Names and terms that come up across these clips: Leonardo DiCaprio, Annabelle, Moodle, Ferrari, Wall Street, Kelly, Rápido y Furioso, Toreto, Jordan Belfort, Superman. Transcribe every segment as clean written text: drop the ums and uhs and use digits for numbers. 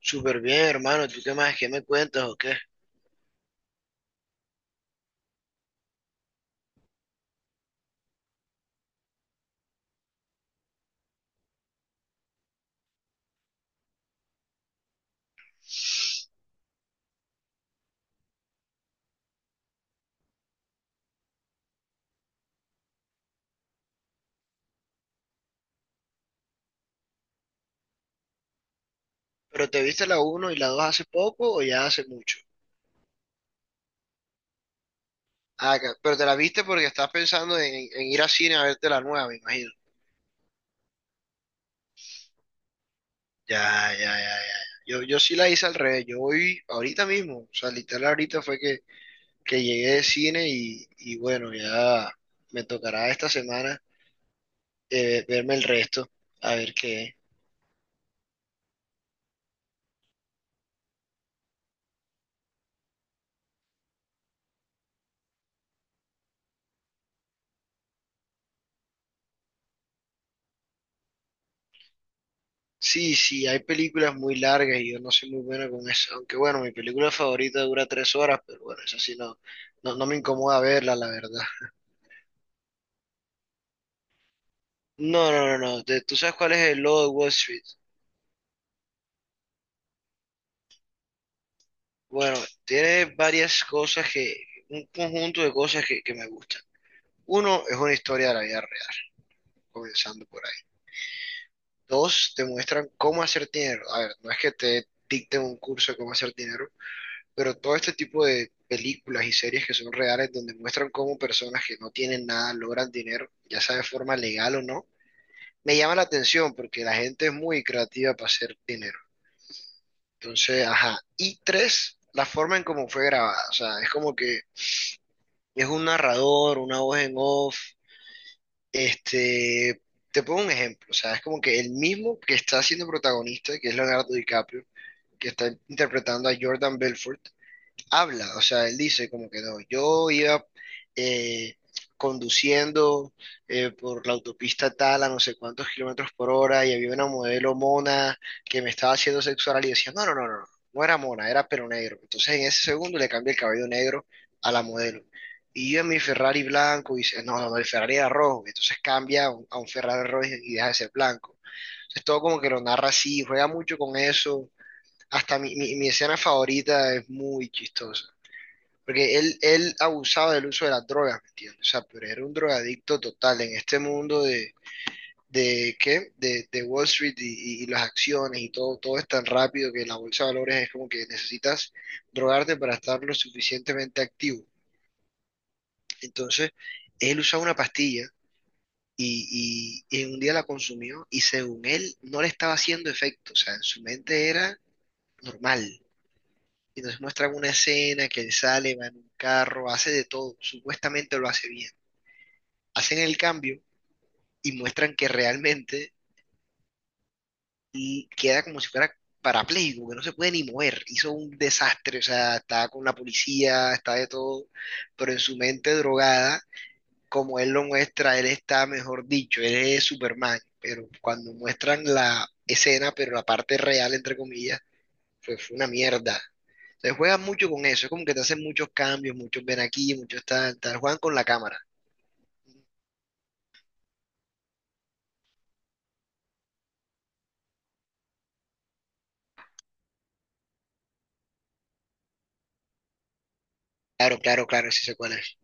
Súper bien, hermano. ¿Tú qué más? ¿Qué me cuentas o qué? ¿Pero te viste la uno y la 2 hace poco o ya hace mucho? Ah, pero te la viste porque estás pensando en, ir a cine a verte la nueva, me imagino. Ya, ya, ya, ya. Yo sí la hice al revés. Yo hoy, ahorita mismo, o sea, literal ahorita fue que llegué de cine y, bueno, ya me tocará esta semana verme el resto, a ver qué. Sí, sí, hay películas muy largas y yo no soy muy bueno con eso. Aunque bueno, mi película favorita dura 3 horas, pero bueno, eso sí no me incomoda verla, la verdad. No, no, no, no. ¿Tú sabes cuál es el logo de Wall Street? Bueno, tiene varias un conjunto de cosas que, me gustan. Uno, es una historia de la vida real, comenzando por ahí. Dos, te muestran cómo hacer dinero. A ver, no es que te dicten un curso de cómo hacer dinero, pero todo este tipo de películas y series que son reales, donde muestran cómo personas que no tienen nada logran dinero, ya sea de forma legal o no, me llama la atención porque la gente es muy creativa para hacer dinero. Entonces, ajá. Y tres, la forma en cómo fue grabada. O sea, es como que es un narrador, una voz en off. Este, te pongo un ejemplo. O sea, es como que el mismo que está siendo protagonista, que es Leonardo DiCaprio, que está interpretando a Jordan Belfort, habla, o sea, él dice como que no, yo iba eh, conduciendo por la autopista tal a no sé cuántos kilómetros por hora y había una modelo mona que me estaba haciendo sexual y decía, no, no, no, no, no, no era mona, era pelo negro. Entonces en ese segundo le cambia el cabello negro a la modelo. Y yo en mi Ferrari blanco y dice, no, no, no, el Ferrari era rojo. Entonces cambia a a un Ferrari rojo y deja de ser blanco. Entonces todo como que lo narra así, juega mucho con eso. Hasta mi escena favorita es muy chistosa. Porque él abusaba del uso de las drogas, ¿me entiendes? O sea, pero era un drogadicto total en este mundo de ¿qué? De Wall Street y, y las acciones y todo, todo es tan rápido que la bolsa de valores es como que necesitas drogarte para estar lo suficientemente activo. Entonces, él usaba una pastilla y un día la consumió y según él no le estaba haciendo efecto, o sea, en su mente era normal. Y nos muestran una escena que él sale, va en un carro, hace de todo, supuestamente lo hace bien, hacen el cambio y muestran que realmente y queda como si fuera parapléjico, que no se puede ni mover. Hizo un desastre, o sea, está con la policía, está de todo, pero en su mente drogada, como él lo muestra, él está, mejor dicho, él es Superman, pero cuando muestran la escena, pero la parte real, entre comillas, fue una mierda. Entonces juegan mucho con eso, es como que te hacen muchos cambios, muchos ven aquí, muchos tal, tal, juegan con la cámara. Claro, claro, claro, sí sé cuál es.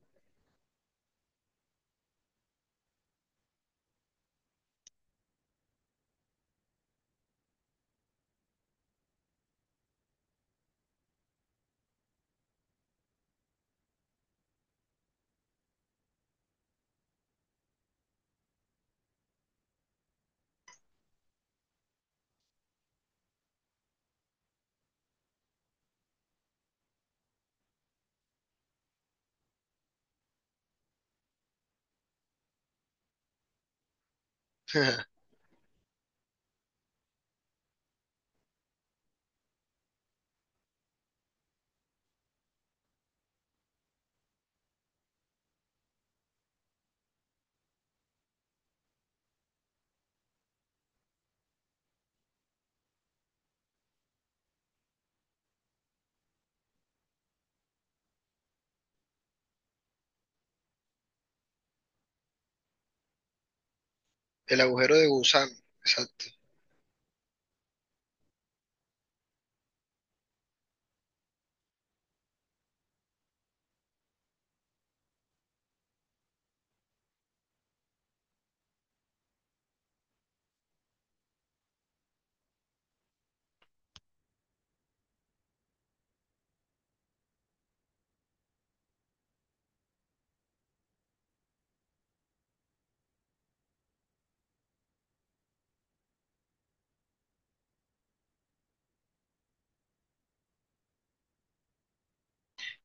El agujero de gusano, exacto.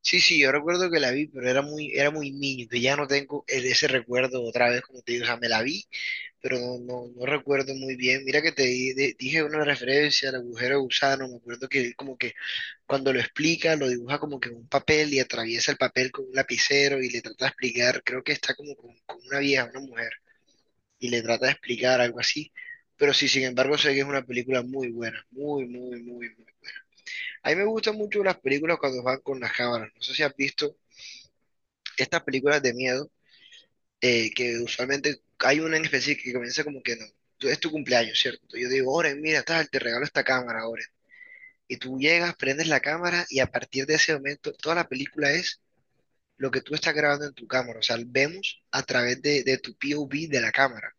Sí, sí, yo recuerdo que la vi, pero era muy niño, entonces ya no tengo ese recuerdo otra vez, como te digo, o sea, me la vi, pero no recuerdo muy bien. Mira que dije una referencia al agujero de gusano, me acuerdo que como que cuando lo explica, lo dibuja como que en un papel y atraviesa el papel con un lapicero y le trata de explicar, creo que está como con una vieja, una mujer, y le trata de explicar algo así. Pero sí, sin embargo, sé que es una película muy buena, muy, muy, muy, muy. A mí me gustan mucho las películas cuando van con las cámaras. No sé si has visto estas películas de miedo, que usualmente hay una en específico que comienza como que no. Es tu cumpleaños, ¿cierto? Yo digo, Oren, mira, tal, te regalo esta cámara, Oren. Y tú llegas, prendes la cámara y a partir de ese momento toda la película es lo que tú estás grabando en tu cámara. O sea, vemos a través de tu POV de la cámara.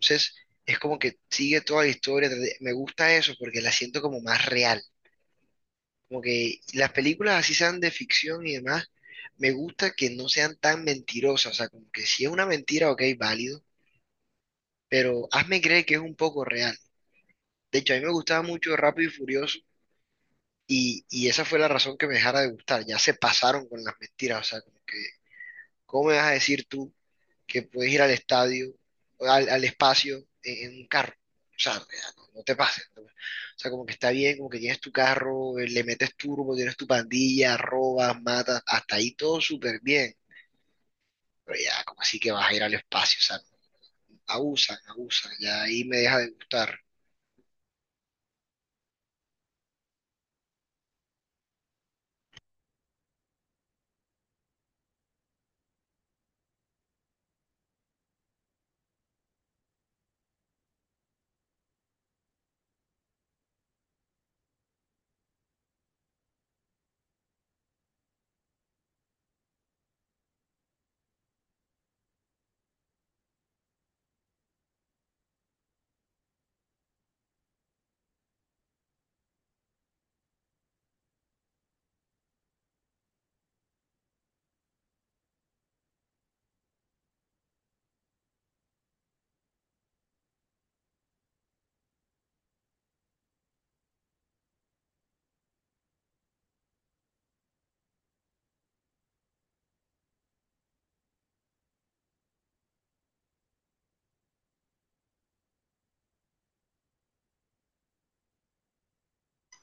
Entonces, es como que sigue toda la historia. Me gusta eso porque la siento como más real. Como que las películas así sean de ficción y demás, me gusta que no sean tan mentirosas. O sea, como que si es una mentira, ok, válido, pero hazme creer que es un poco real. De hecho, a mí me gustaba mucho Rápido y Furioso y, esa fue la razón que me dejara de gustar. Ya se pasaron con las mentiras. O sea, como que ¿cómo me vas a decir tú que puedes ir al estadio, al espacio en, un carro? O sea, ya, no, no te pases, ¿no? O sea, como que está bien, como que tienes tu carro, le metes turbo, tienes tu pandilla, robas, matas, hasta ahí todo súper bien. Pero ya, como así que vas a ir al espacio, o sea, abusan, abusan, ya ahí me deja de gustar.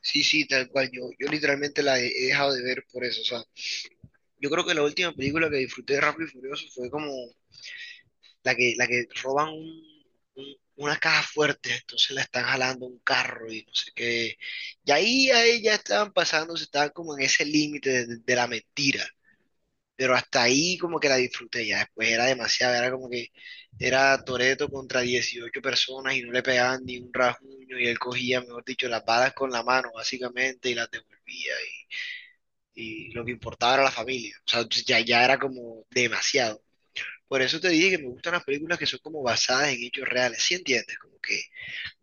Sí, sí, tal cual, yo literalmente he dejado de ver por eso, o sea, yo creo que la última película que disfruté de Rápido y Furioso fue como la que roban una caja fuerte, entonces la están jalando un carro y no sé qué. Y ahí ya estaban pasando, se estaban como en ese límite de, la mentira. Pero hasta ahí como que la disfruté, ya después era demasiado, era como que era Toreto contra 18 personas y no le pegaban ni un rasguño y él cogía, mejor dicho, las balas con la mano básicamente y las devolvía y, lo que importaba era la familia. O sea, ya era como demasiado. Por eso te dije que me gustan las películas que son como basadas en hechos reales, ¿sí entiendes? Como que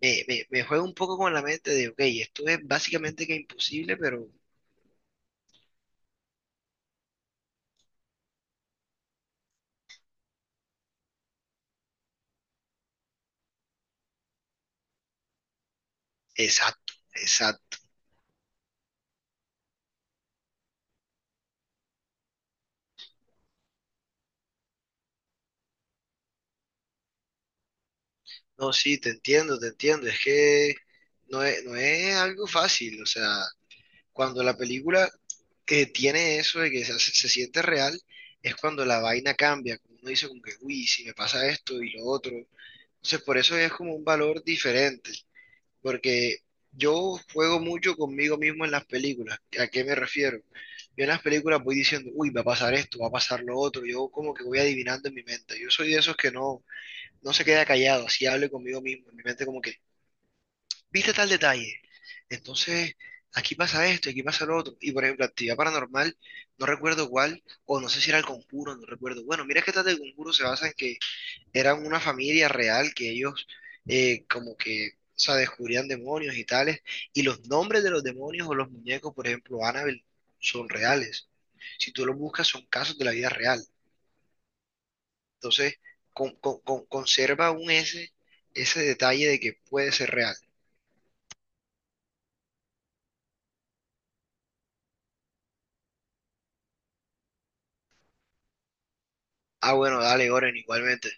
me juega un poco con la mente de, ok, esto es básicamente que imposible, pero exacto, exacto. No, sí, te entiendo, te entiendo. Es que no es algo fácil. O sea, cuando la película que tiene eso de se siente real, es cuando la vaina cambia. Como uno dice como que, uy, si me pasa esto y lo otro. Entonces, por eso es como un valor diferente, porque yo juego mucho conmigo mismo en las películas. ¿A qué me refiero? Yo en las películas voy diciendo, uy, va a pasar esto, va a pasar lo otro. Yo como que voy adivinando en mi mente. Yo soy de esos que no se queda callado, así hablo conmigo mismo. En mi mente como que, viste tal detalle. Entonces, aquí pasa esto, aquí pasa lo otro. Y por ejemplo, actividad paranormal, no recuerdo cuál, o no sé si era el conjuro, no recuerdo. Bueno, mira que tal del conjuro se basa en que eran una familia real que ellos como que, o sea, descubrían demonios y tales, y los nombres de los demonios o los muñecos, por ejemplo, Annabelle, son reales. Si tú los buscas, son casos de la vida real. Entonces, conserva aún ese, ese detalle de que puede ser real. Ah, bueno, dale, Oren, igualmente.